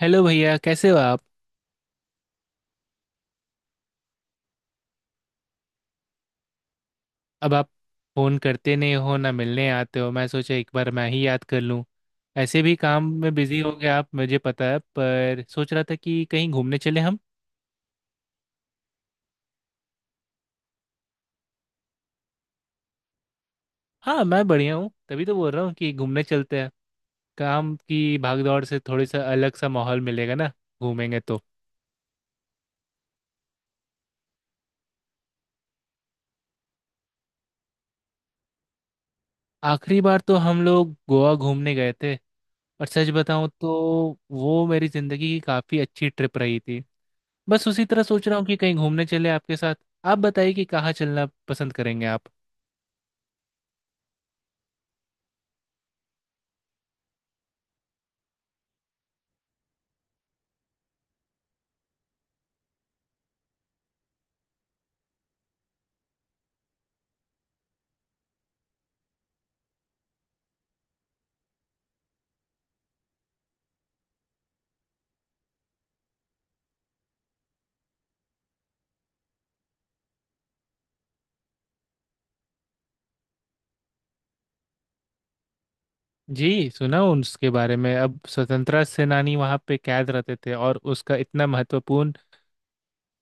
Hello भैया, कैसे हो आप। अब आप फोन करते नहीं हो, ना मिलने आते हो। मैं सोचा एक बार मैं ही याद कर लूं। ऐसे भी काम में बिजी हो गए आप, मुझे पता है। पर सोच रहा था कि कहीं घूमने चले हम। हाँ, मैं बढ़िया हूँ, तभी तो बोल रहा हूँ कि घूमने चलते हैं। काम की भागदौड़ से थोड़ी सा अलग सा माहौल मिलेगा ना, घूमेंगे तो। आखिरी बार तो हम लोग गोवा घूमने गए थे, और सच बताऊं तो वो मेरी जिंदगी की काफी अच्छी ट्रिप रही थी। बस उसी तरह सोच रहा हूँ कि कहीं घूमने चले आपके साथ। आप बताइए कि कहाँ चलना पसंद करेंगे आप। जी, सुना हूँ उसके बारे में। अब स्वतंत्रता सेनानी वहाँ पे कैद रहते थे और उसका इतना महत्वपूर्ण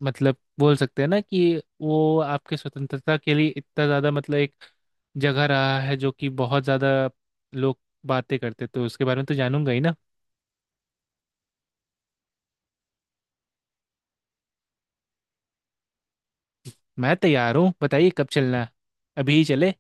मतलब, बोल सकते हैं ना कि वो आपके स्वतंत्रता के लिए इतना ज़्यादा मतलब एक जगह रहा है जो कि बहुत ज़्यादा लोग बातें करते, तो उसके बारे में तो जानूंगा ही ना। मैं तैयार हूँ, बताइए कब चलना है। अभी ही चले।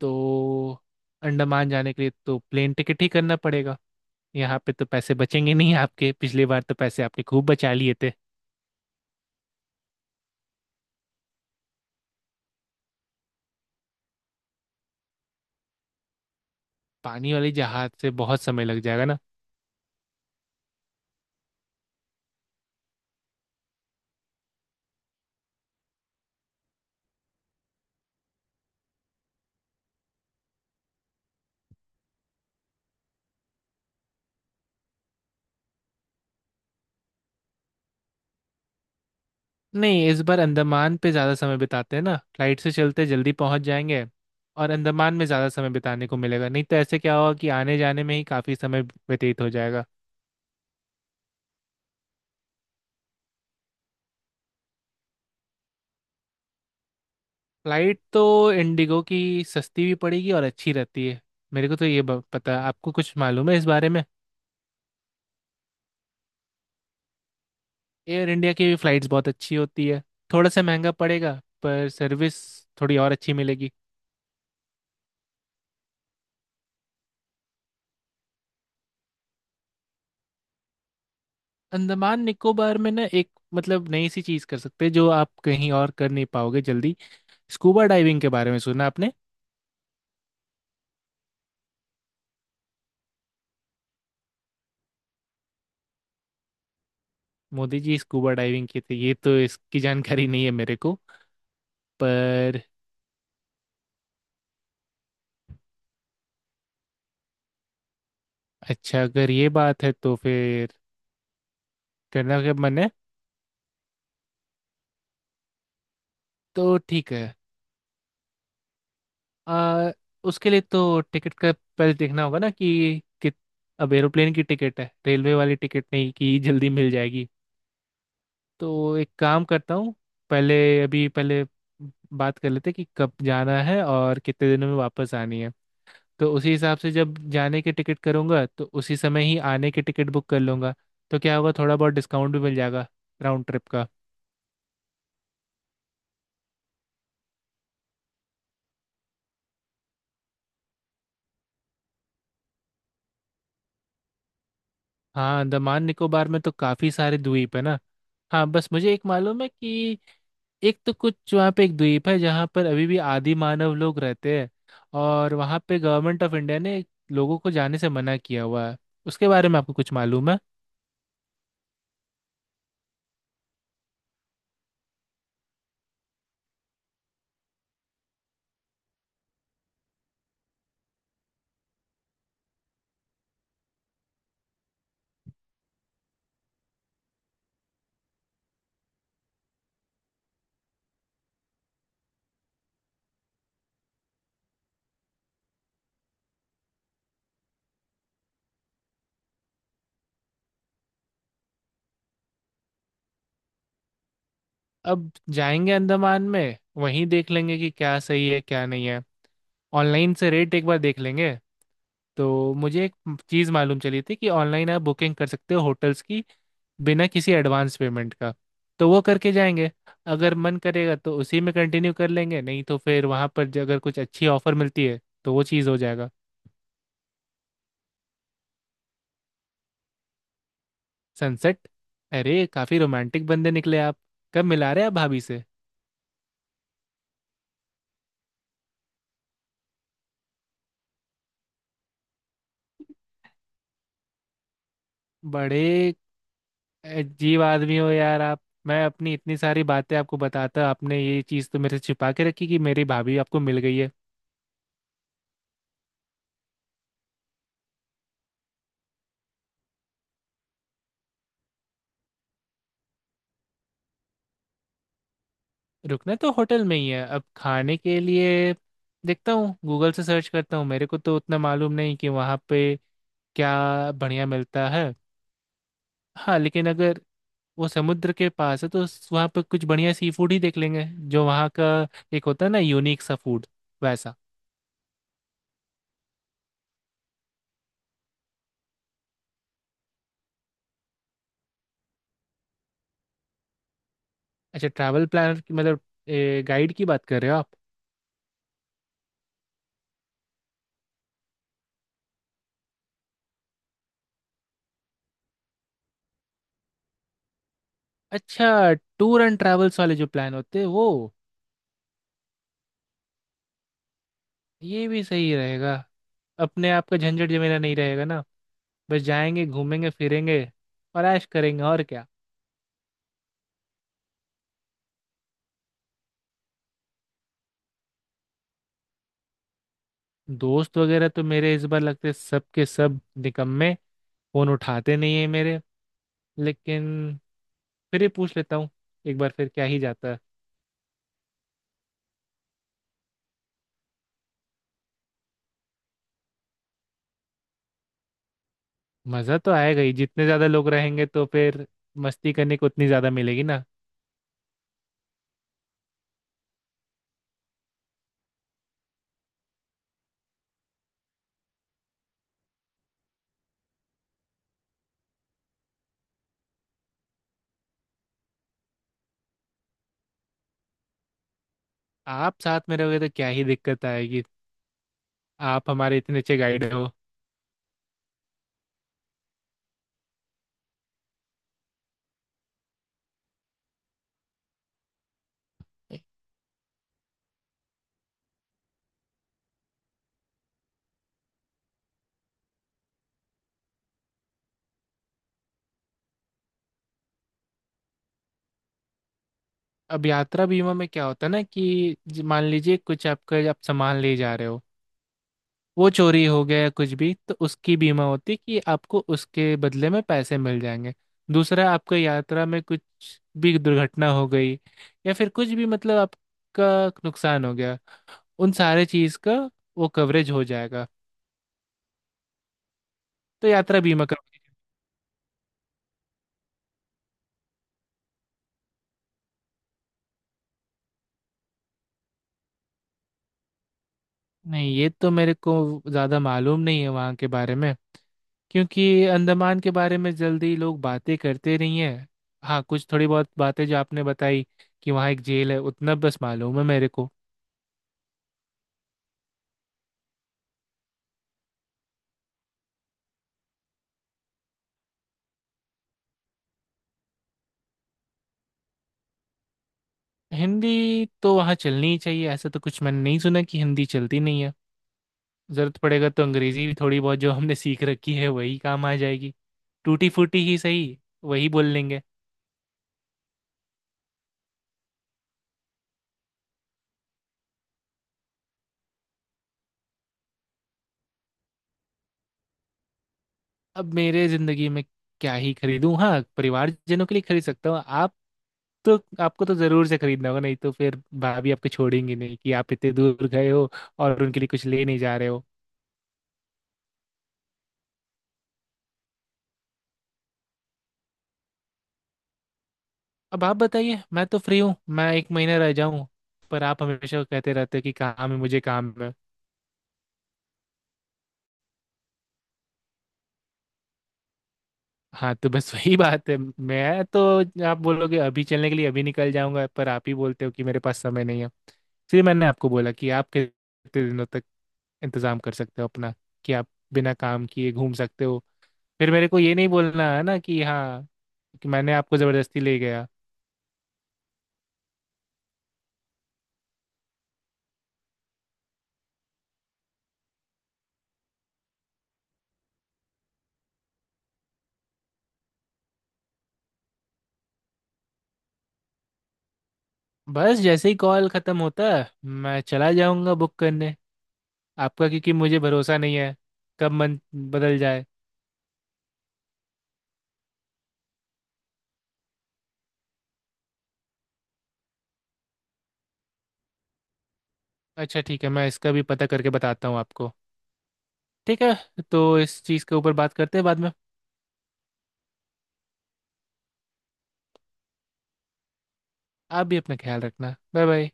तो अंडमान जाने के लिए तो प्लेन टिकट ही करना पड़ेगा। यहाँ पे तो पैसे बचेंगे नहीं आपके। पिछली बार तो पैसे आपने खूब बचा लिए थे। पानी वाले जहाज से बहुत समय लग जाएगा ना। नहीं, इस बार अंडमान पे ज़्यादा समय बिताते हैं ना, फ्लाइट से चलते जल्दी पहुँच जाएंगे। और अंडमान में ज़्यादा समय बिताने को मिलेगा नहीं तो ऐसे क्या होगा कि आने जाने में ही काफ़ी समय व्यतीत हो जाएगा। फ्लाइट तो इंडिगो की सस्ती भी पड़ेगी और अच्छी रहती है। मेरे को तो ये पता है। आपको कुछ मालूम है इस बारे में। एयर इंडिया की फ्लाइट्स बहुत अच्छी होती है, थोड़ा सा महंगा पड़ेगा, पर सर्विस थोड़ी और अच्छी मिलेगी। अंडमान निकोबार में ना एक मतलब नई सी चीज़ कर सकते हैं जो आप कहीं और कर नहीं पाओगे जल्दी। स्कूबा डाइविंग के बारे में सुना आपने। मोदी जी स्कूबा डाइविंग किए थे, ये तो इसकी जानकारी नहीं है मेरे को। पर अच्छा, अगर ये बात है तो फिर करना क्या मन है। तो ठीक है। आ, उसके लिए तो टिकट का पहले देखना होगा ना कि अब एरोप्लेन की टिकट है, रेलवे वाली टिकट नहीं कि जल्दी मिल जाएगी। तो एक काम करता हूँ, पहले अभी पहले बात कर लेते हैं कि कब जाना है और कितने दिनों में वापस आनी है। तो उसी हिसाब से जब जाने की टिकट करूँगा तो उसी समय ही आने की टिकट बुक कर लूँगा। तो क्या होगा, थोड़ा बहुत डिस्काउंट भी मिल जाएगा राउंड ट्रिप का। हाँ, अंडमान निकोबार में तो काफ़ी सारे द्वीप है ना। हाँ, बस मुझे एक मालूम है कि एक तो कुछ वहाँ पे एक द्वीप है जहाँ पर अभी भी आदि मानव लोग रहते हैं, और वहाँ पे गवर्नमेंट ऑफ इंडिया ने लोगों को जाने से मना किया हुआ है। उसके बारे में आपको कुछ मालूम है। अब जाएंगे अंडमान में वहीं देख लेंगे कि क्या सही है क्या नहीं है। ऑनलाइन से रेट एक बार देख लेंगे। तो मुझे एक चीज़ मालूम चली थी कि ऑनलाइन आप बुकिंग कर सकते हो होटल्स की, बिना किसी एडवांस पेमेंट का। तो वो करके जाएंगे। अगर मन करेगा तो उसी में कंटिन्यू कर लेंगे नहीं तो फिर वहाँ पर अगर कुछ अच्छी ऑफर मिलती है तो वो चीज़ हो जाएगा। सनसेट? अरे काफ़ी रोमांटिक बंदे निकले आप। कब मिला रहे आप भाभी से। बड़े अजीब आदमी हो यार आप। मैं अपनी इतनी सारी बातें आपको बताता, आपने ये चीज़ तो मेरे से छिपा के रखी कि मेरी भाभी आपको मिल गई है। रुकना तो होटल में ही है। अब खाने के लिए देखता हूँ, गूगल से सर्च करता हूँ। मेरे को तो उतना मालूम नहीं कि वहाँ पे क्या बढ़िया मिलता है। हाँ, लेकिन अगर वो समुद्र के पास है तो वहाँ पे कुछ बढ़िया सी फूड ही देख लेंगे जो वहाँ का एक होता है ना, यूनिक सा फूड, वैसा। अच्छा ट्रैवल प्लानर की मतलब गाइड की बात कर रहे हो आप। अच्छा, टूर एंड ट्रैवल्स वाले जो प्लान होते हैं वो। ये भी सही रहेगा, अपने आप का झंझट जमेला नहीं रहेगा ना, बस जाएंगे घूमेंगे फिरेंगे और ऐश करेंगे, और क्या। दोस्त वगैरह तो मेरे इस बार लगते सब के सब निकम्मे, फोन उठाते नहीं है मेरे। लेकिन फिर ही पूछ लेता हूँ, एक बार फिर क्या ही जाता है। मज़ा तो आएगा ही, जितने ज़्यादा लोग रहेंगे तो फिर मस्ती करने को उतनी ज़्यादा मिलेगी ना। आप साथ में रहोगे तो क्या ही दिक्कत आएगी, आप हमारे इतने अच्छे गाइड हो। अब यात्रा बीमा में क्या होता है ना कि मान लीजिए कुछ आपका, आप सामान ले जा रहे हो, वो चोरी हो गया या कुछ भी तो उसकी बीमा होती है कि आपको उसके बदले में पैसे मिल जाएंगे। दूसरा, आपका यात्रा में कुछ भी दुर्घटना हो गई या फिर कुछ भी मतलब आपका नुकसान हो गया, उन सारे चीज़ का वो कवरेज हो जाएगा। तो यात्रा बीमा करवाइए। नहीं, ये तो मेरे को ज़्यादा मालूम नहीं है वहाँ के बारे में, क्योंकि अंडमान के बारे में जल्दी लोग बातें करते नहीं है। हाँ, कुछ थोड़ी बहुत बातें जो आपने बताई कि वहाँ एक जेल है, उतना बस मालूम है मेरे को। हिंदी तो वहाँ चलनी ही चाहिए, ऐसा तो कुछ मैंने नहीं सुना कि हिंदी चलती नहीं है। जरूरत पड़ेगा तो अंग्रेजी भी थोड़ी बहुत जो हमने सीख रखी है वही काम आ जाएगी, टूटी फूटी ही सही वही बोल लेंगे। अब मेरे जिंदगी में क्या ही खरीदूं। हाँ, परिवारजनों के लिए खरीद सकता हूँ। आप तो आपको तो जरूर से खरीदना होगा, नहीं तो फिर भाभी आपको छोड़ेंगी नहीं कि आप इतने दूर गए हो और उनके लिए कुछ ले नहीं जा रहे हो। अब आप बताइए, मैं तो फ्री हूँ, मैं एक महीना रह जाऊँ। पर आप हमेशा कहते रहते हो कि काम है, मुझे काम है। हाँ तो बस वही बात है। मैं तो आप बोलोगे अभी चलने के लिए अभी निकल जाऊंगा, पर आप ही बोलते हो कि मेरे पास समय नहीं है, इसलिए मैंने आपको बोला कि आप कितने दिनों तक इंतजाम कर सकते हो अपना, कि आप बिना काम किए घूम सकते हो। फिर मेरे को ये नहीं बोलना है ना कि हाँ, कि मैंने आपको जबरदस्ती ले गया। बस जैसे ही कॉल खत्म होता है मैं चला जाऊंगा बुक करने। आपका, क्योंकि मुझे भरोसा नहीं है कब मन बदल जाए। अच्छा ठीक है, मैं इसका भी पता करके बताता हूँ आपको। ठीक है, तो इस चीज़ के ऊपर बात करते हैं बाद में। आप भी अपना ख्याल रखना, बाय बाय।